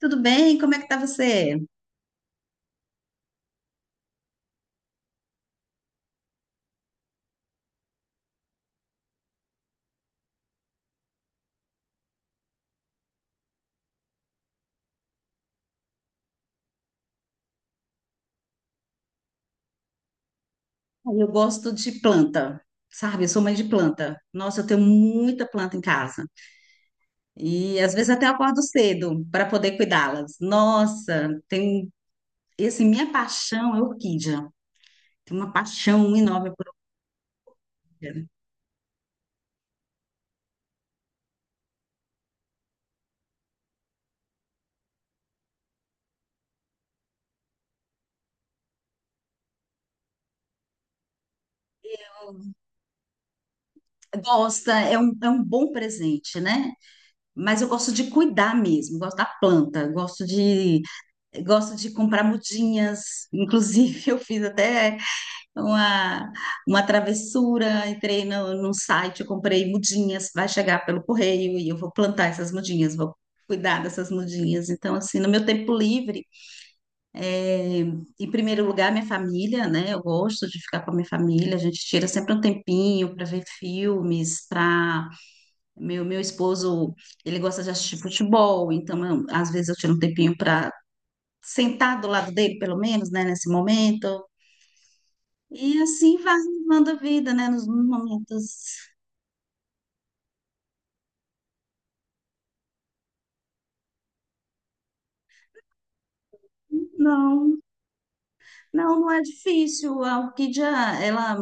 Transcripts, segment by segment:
Tudo bem? Como é que tá você? Eu gosto de planta, sabe? Eu sou mãe de planta. Nossa, eu tenho muita planta em casa. E às vezes até eu acordo cedo para poder cuidá-las. Nossa, tem e, assim, minha paixão é orquídea. Tenho uma paixão enorme por orquídea. Gosta, é um bom presente, né? Mas eu gosto de cuidar mesmo, gosto da planta, gosto de comprar mudinhas. Inclusive, eu fiz até uma, uma travessura, entrei no, num site, eu comprei mudinhas, vai chegar pelo correio e eu vou plantar essas mudinhas, vou cuidar dessas mudinhas. Então, assim, no meu tempo livre, é, em primeiro lugar, minha família, né? Eu gosto de ficar com a minha família, a gente tira sempre um tempinho para ver filmes, para... meu esposo, ele gosta de assistir futebol, então às vezes eu tiro um tempinho para sentar do lado dele, pelo menos, né, nesse momento, e assim vai levando a vida, né? Nos momentos. Não, não é difícil. A orquídea, ela, ah,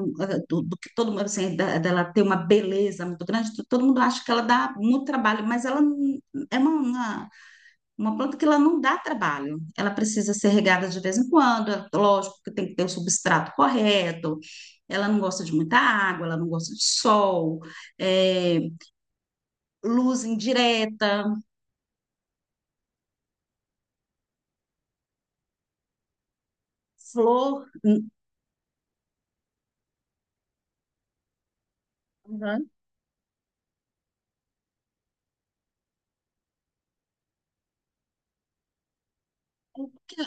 do que todo mundo, assim, dela tem uma beleza muito grande, todo mundo acha que ela dá muito trabalho, mas é uma planta que ela não dá trabalho. Ela precisa ser regada de vez em quando, é lógico que tem que ter o substrato correto. Ela não gosta de muita água, ela não gosta de sol, é, luz indireta, flor.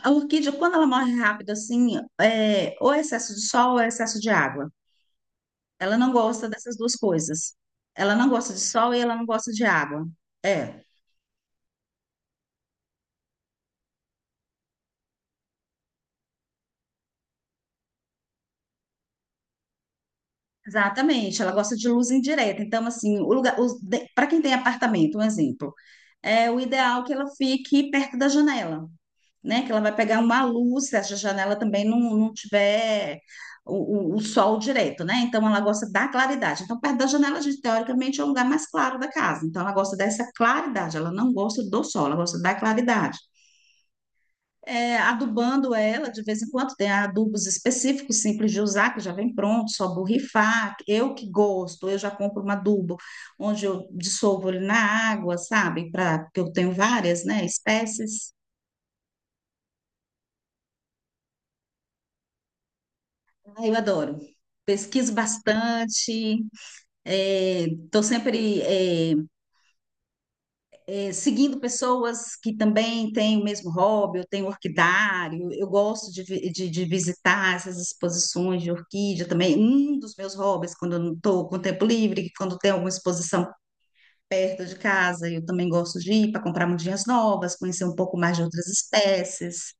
A orquídea, quando ela morre rápido, assim, é, ou é excesso de sol ou é excesso de água. Ela não gosta dessas duas coisas. Ela não gosta de sol e ela não gosta de água. É, exatamente. Ela gosta de luz indireta. Então, assim, o lugar, para quem tem apartamento, um exemplo, é o ideal que ela fique perto da janela, né? Que ela vai pegar uma luz, se essa janela também não tiver o sol direto, né? Então ela gosta da claridade. Então, perto da janela, a gente, teoricamente, é o lugar mais claro da casa. Então, ela gosta dessa claridade, ela não gosta do sol, ela gosta da claridade. É, adubando ela de vez em quando, tem adubos específicos, simples de usar, que já vem pronto, só borrifar. Eu que gosto, eu já compro um adubo onde eu dissolvo ele na água, sabe? Pra, porque eu tenho várias, né, espécies. Ah, eu adoro. Pesquiso bastante, estou sempre seguindo pessoas que também têm o mesmo hobby, eu tenho orquidário, eu gosto de, de visitar essas exposições de orquídea também. Um dos meus hobbies, quando eu não estou com tempo livre, quando tem alguma exposição perto de casa, eu também gosto de ir para comprar mudinhas novas, conhecer um pouco mais de outras espécies.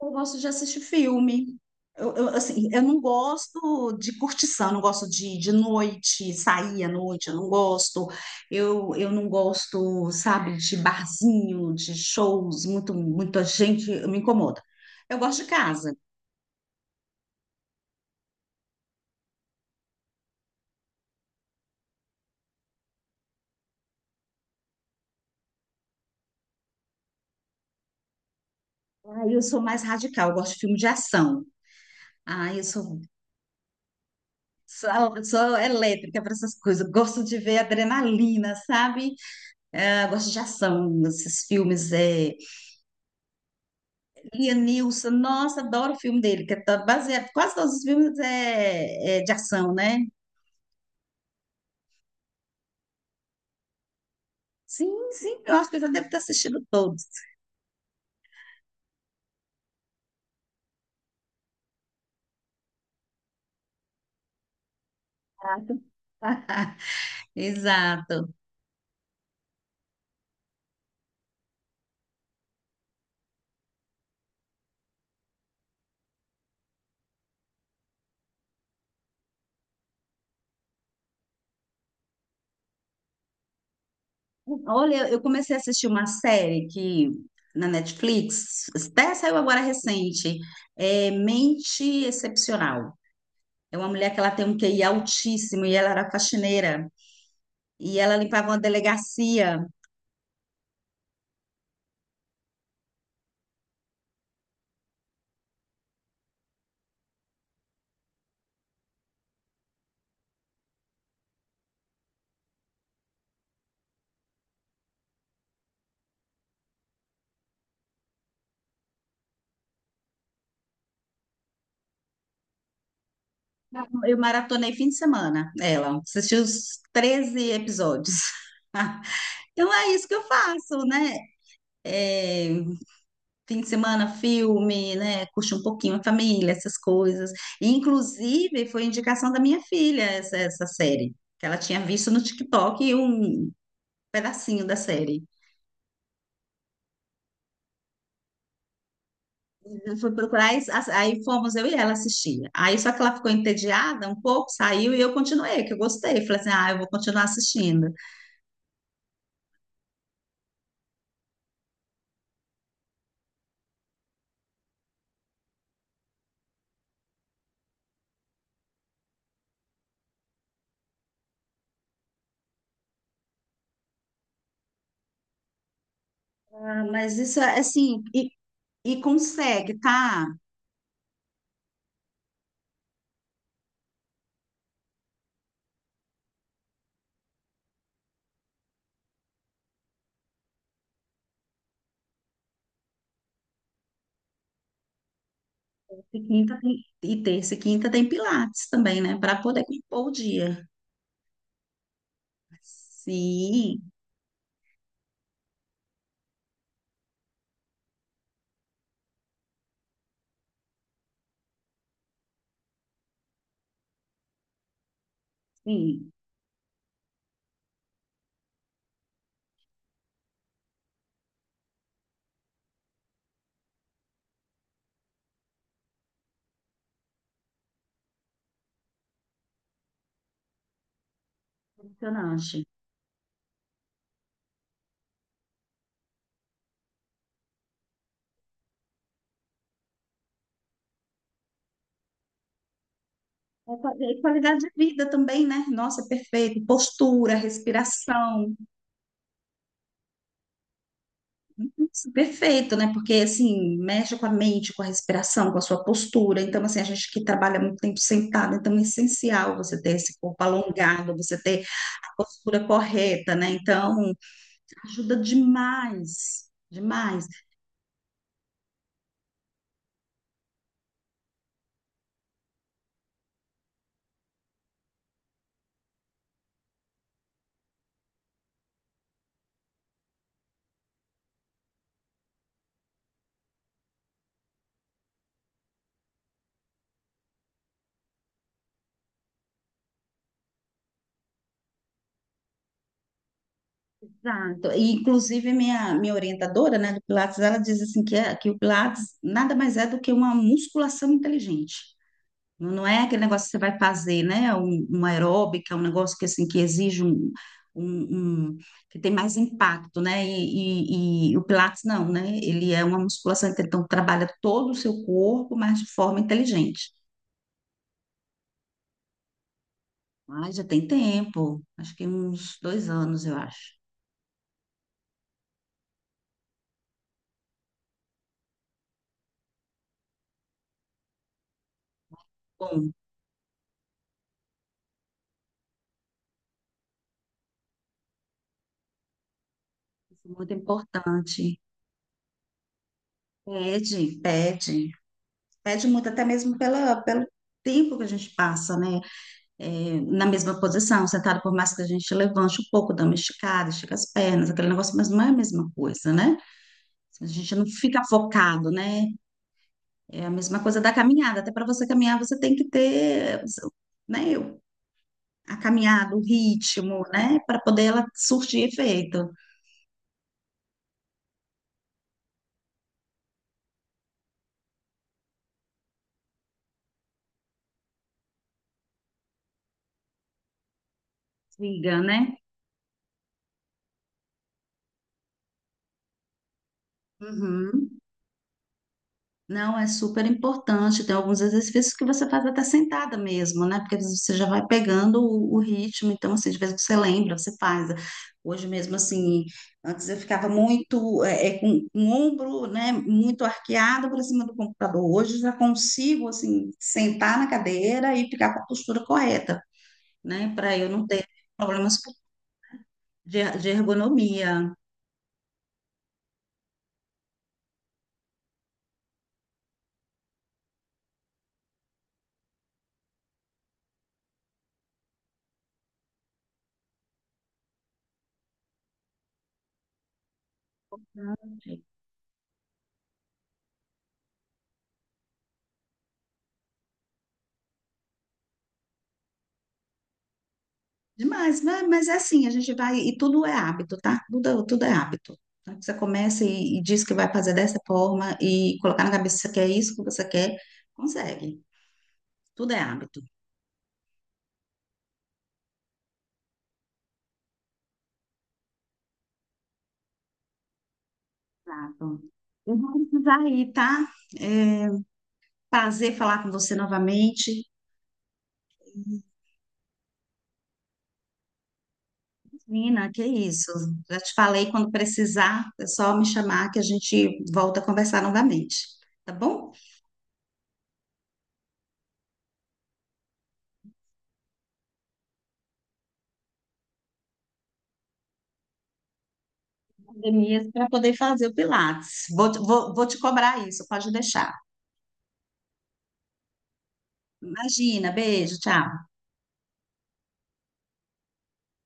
Eu gosto de assistir filme. Assim, eu não gosto de curtição, eu não gosto de noite, sair à noite, eu não gosto. Eu não gosto, sabe, de barzinho, de shows, muito, muita gente, eu me incomoda. Eu gosto de casa. Aí eu sou mais radical, eu gosto de filme de ação. Ah, eu sou, sou, sou elétrica para essas coisas. Eu gosto de ver adrenalina, sabe? Gosto de ação, esses filmes. Lianilson, nossa, adoro o filme dele, que é tá baseado, quase todos os filmes é de ação, né? Sim, eu acho que eu já devo ter assistido todos. Exato. Exato. Olha, eu comecei a assistir uma série que na Netflix, até saiu agora recente, é Mente Excepcional. É uma mulher que ela tem um QI altíssimo e ela era faxineira e ela limpava uma delegacia. Eu maratonei fim de semana, ela. Assisti os 13 episódios. Então é isso que eu faço, né? É, fim de semana, filme, né? Curte um pouquinho a família, essas coisas. Inclusive, foi indicação da minha filha essa série, que ela tinha visto no TikTok um pedacinho da série. Eu fui procurar, e aí fomos eu e ela assistir. Aí só que ela ficou entediada um pouco, saiu e eu continuei, que eu gostei. Falei assim, ah, eu vou continuar assistindo. Ah, mas isso é assim, e consegue, tá? E terça e quinta tem pilates também, né? Para poder compor o dia. Sim, sim, impressionante. É qualidade de vida também, né? Nossa, é perfeito. Postura, respiração. Nossa, perfeito, né? Porque assim, mexe com a mente, com a respiração, com a sua postura. Então, assim, a gente que trabalha muito tempo sentado, então é essencial você ter esse corpo alongado, você ter a postura correta, né? Então, ajuda demais, demais. Exato. E, inclusive, minha orientadora, né, do Pilates, ela diz assim que, que o Pilates nada mais é do que uma musculação inteligente. Não, não é aquele negócio que você vai fazer, né? Uma aeróbica, um negócio que assim que exige um, um- que tem mais impacto, né? E o Pilates não, né? Ele é uma musculação inteligente, então trabalha todo o seu corpo, mas de forma inteligente. Mas já tem tempo, acho que uns 2 anos, eu acho. Bom. Muito importante. Pede, pede. Pede muito, até mesmo pela, pelo tempo que a gente passa, né? É, na mesma posição, sentado, por mais que a gente levante um pouco, dá uma esticada, estica as pernas, aquele negócio, mas não é a mesma coisa, né? A gente não fica focado, né? É a mesma coisa da caminhada. Até para você caminhar, você tem que ter, né? A caminhada, o ritmo, né? Para poder ela surtir efeito. Siga, né? Uhum. Não, é super importante. Tem alguns exercícios que você faz até sentada mesmo, né? Porque você já vai pegando o ritmo. Então, assim, de vez que você lembra, você faz. Hoje mesmo, assim, antes eu ficava muito com o ombro, né? Muito arqueado para cima do computador. Hoje eu já consigo, assim, sentar na cadeira e ficar com a postura correta, né? Para eu não ter problemas de ergonomia. Demais, né? Mas é assim, a gente vai, e tudo é hábito, tá? Tudo é hábito. Então, você começa e diz que vai fazer dessa forma e colocar na cabeça que é isso que você quer, consegue. Tudo é hábito. Exato. Eu vou precisar ir, tá? É, prazer falar com você novamente. Nina, que isso. Já te falei, quando precisar, é só me chamar que a gente volta a conversar novamente, tá bom? Academias para poder fazer o Pilates. Vou te cobrar isso, pode deixar. Imagina, beijo, tchau.